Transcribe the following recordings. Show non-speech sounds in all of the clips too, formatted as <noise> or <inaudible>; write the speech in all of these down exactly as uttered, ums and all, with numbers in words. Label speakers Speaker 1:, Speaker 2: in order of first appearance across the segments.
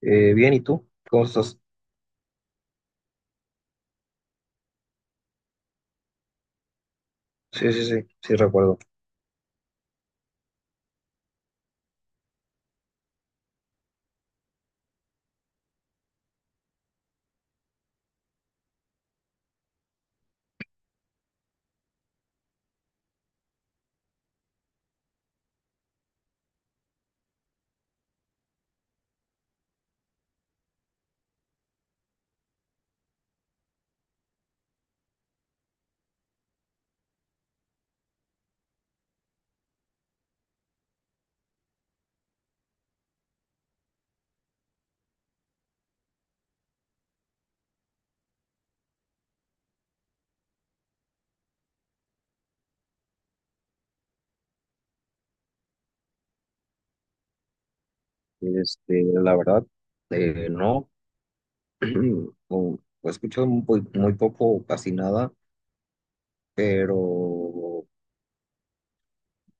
Speaker 1: Eh, bien, ¿y tú? ¿Cómo estás? Sí, sí, sí, sí recuerdo. Este, la verdad, eh, no, <clears throat> o- he escuchado muy, muy poco, o casi nada, pero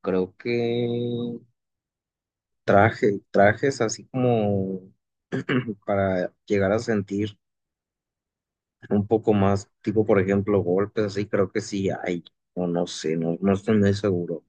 Speaker 1: creo que traje, trajes así como para llegar a sentir un poco más, tipo, por ejemplo, golpes, así creo que sí hay, o no sé, no, no estoy muy seguro.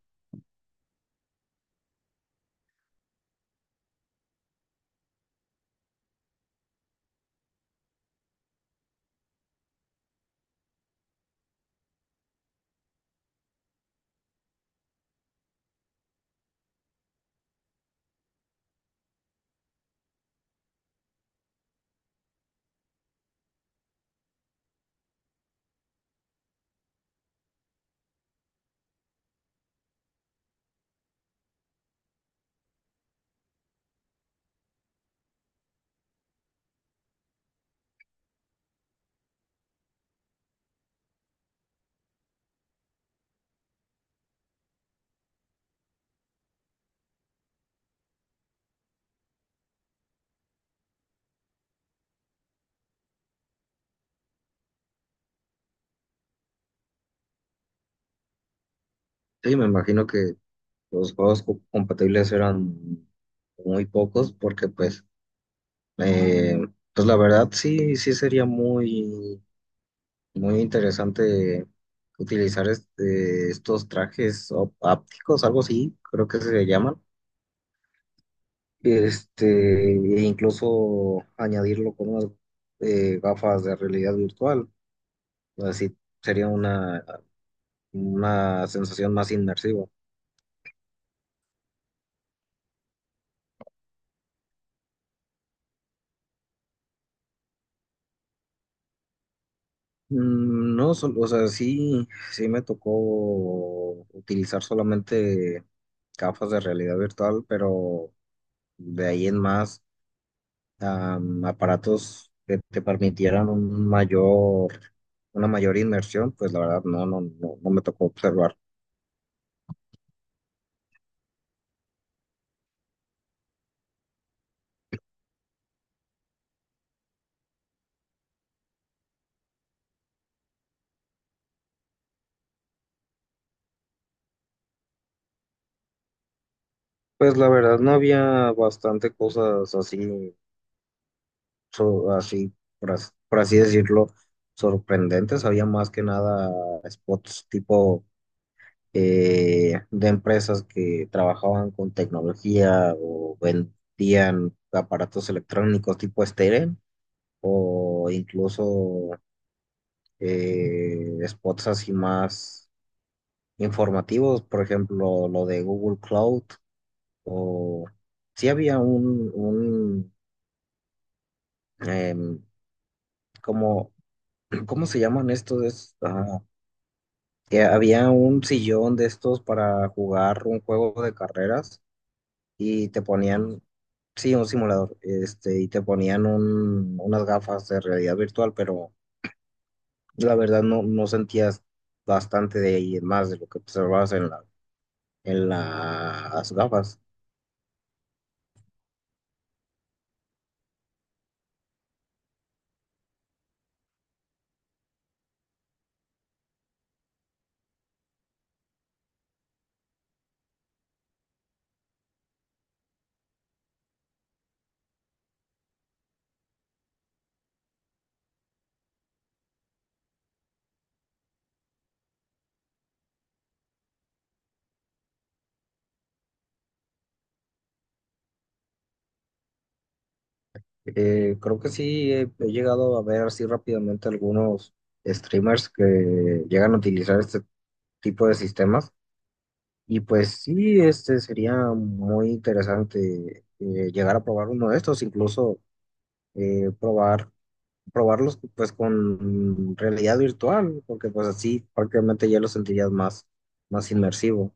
Speaker 1: Sí, me imagino que los juegos co- compatibles eran muy pocos porque pues Eh, pues la verdad sí, sí sería muy, muy interesante utilizar este, estos trajes op- ápticos, algo así, creo que se llaman. Este, E incluso añadirlo con unas eh, gafas de realidad virtual. Así sería una, una sensación más inmersiva. Mm, No, sol- o sea, sí, sí me tocó utilizar solamente gafas de realidad virtual, pero de ahí en más, am, aparatos que te permitieran un mayor, una mayor inmersión, pues la verdad no, no, no, no me tocó observar. Pues la verdad no había bastante cosas así, so- así, por as- por así decirlo, sorprendentes. Había más que nada spots tipo eh, de empresas que trabajaban con tecnología o vendían aparatos electrónicos tipo Steren o incluso eh, spots así más informativos, por ejemplo, lo de Google Cloud, o sí había un, un em, como, <clears throat> ¿cómo se llaman estos? Es, ah, que había un sillón de estos para jugar un juego de carreras y te ponían, sí, un simulador, este, y te ponían un- unas gafas de realidad virtual, pero la verdad no, no sentías bastante de ahí, más de lo que observabas en la en las gafas. Eh, creo que sí he, he llegado a ver así rápidamente algunos streamers que llegan a utilizar este tipo de sistemas y pues sí, este sería muy interesante eh, llegar a probar uno de estos, incluso eh, probar probarlos pues con realidad virtual, porque pues así prácticamente ya lo sentirías más más inmersivo.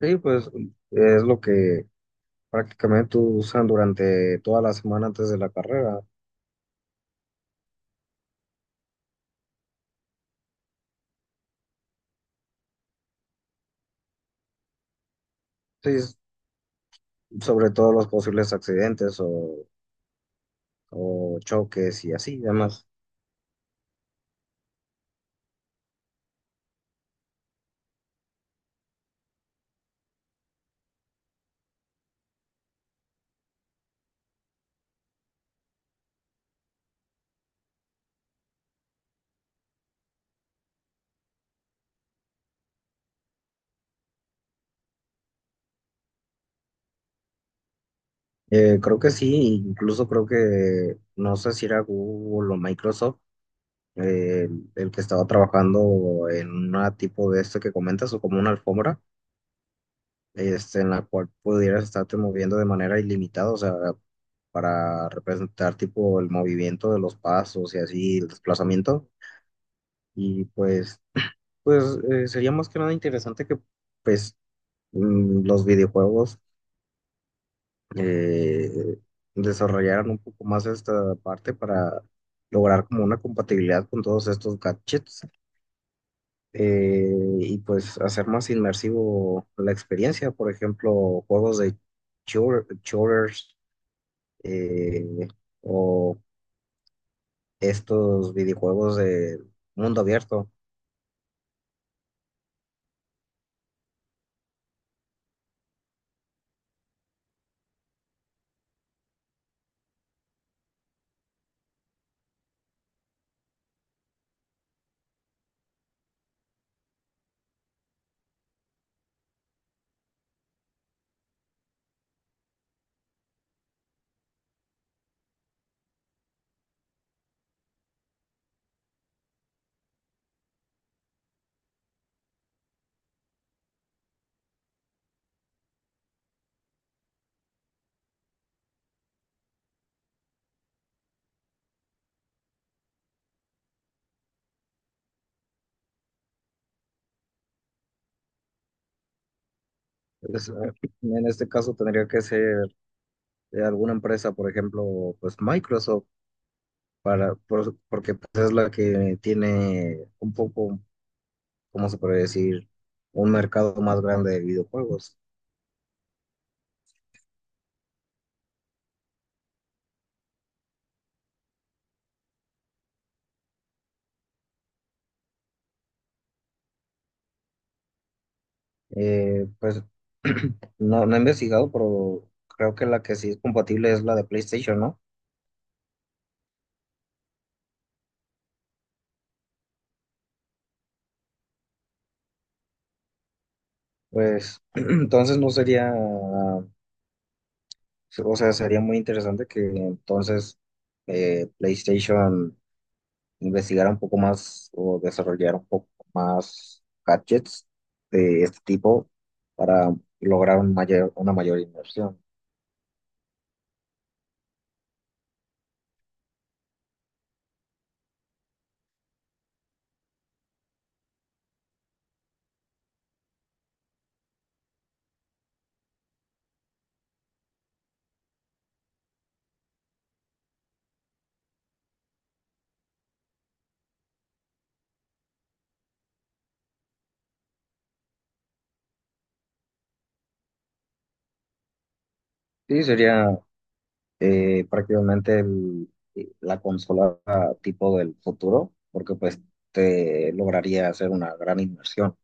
Speaker 1: Sí, pues es lo que prácticamente usan durante toda la semana antes de la carrera. Sí, es sobre todos los posibles accidentes o, o choques y así, además. Eh, creo que sí, incluso creo que, no sé si era Google o Microsoft, eh, el, que estaba trabajando en una tipo de esto que comentas, o como una alfombra, este, en la cual pudieras estarte moviendo de manera ilimitada, o sea, para representar tipo el movimiento de los pasos y así, el desplazamiento. Y pues, pues eh, sería más que nada interesante que pues mm, los videojuegos eh, desarrollaran un poco más esta parte para lograr como una compatibilidad con todos estos gadgets eh, y pues hacer más inmersivo la experiencia, por ejemplo, juegos de shooter- shooters eh, o estos videojuegos de mundo abierto. Entonces, en este caso tendría que ser de alguna empresa, por ejemplo, pues Microsoft para, por- porque pues, es la que tiene un poco, ¿cómo se puede decir? Un mercado más grande de videojuegos. Eh, pues <clears throat> no, no he investigado, pero creo que la que sí es compatible es la de PlayStation, ¿no? Pues <clears throat> entonces no sería, o sea, sería muy interesante que entonces eh, PlayStation investigar un poco más o desarrollar un poco más gadgets de este tipo para lograr un mayor, una mayor inversión. Sí, sería eh, prácticamente el- eh, la consola tipo del futuro, porque pues te lograría hacer una gran inversión.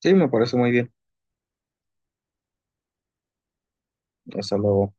Speaker 1: Sí, me parece muy bien. Hasta luego.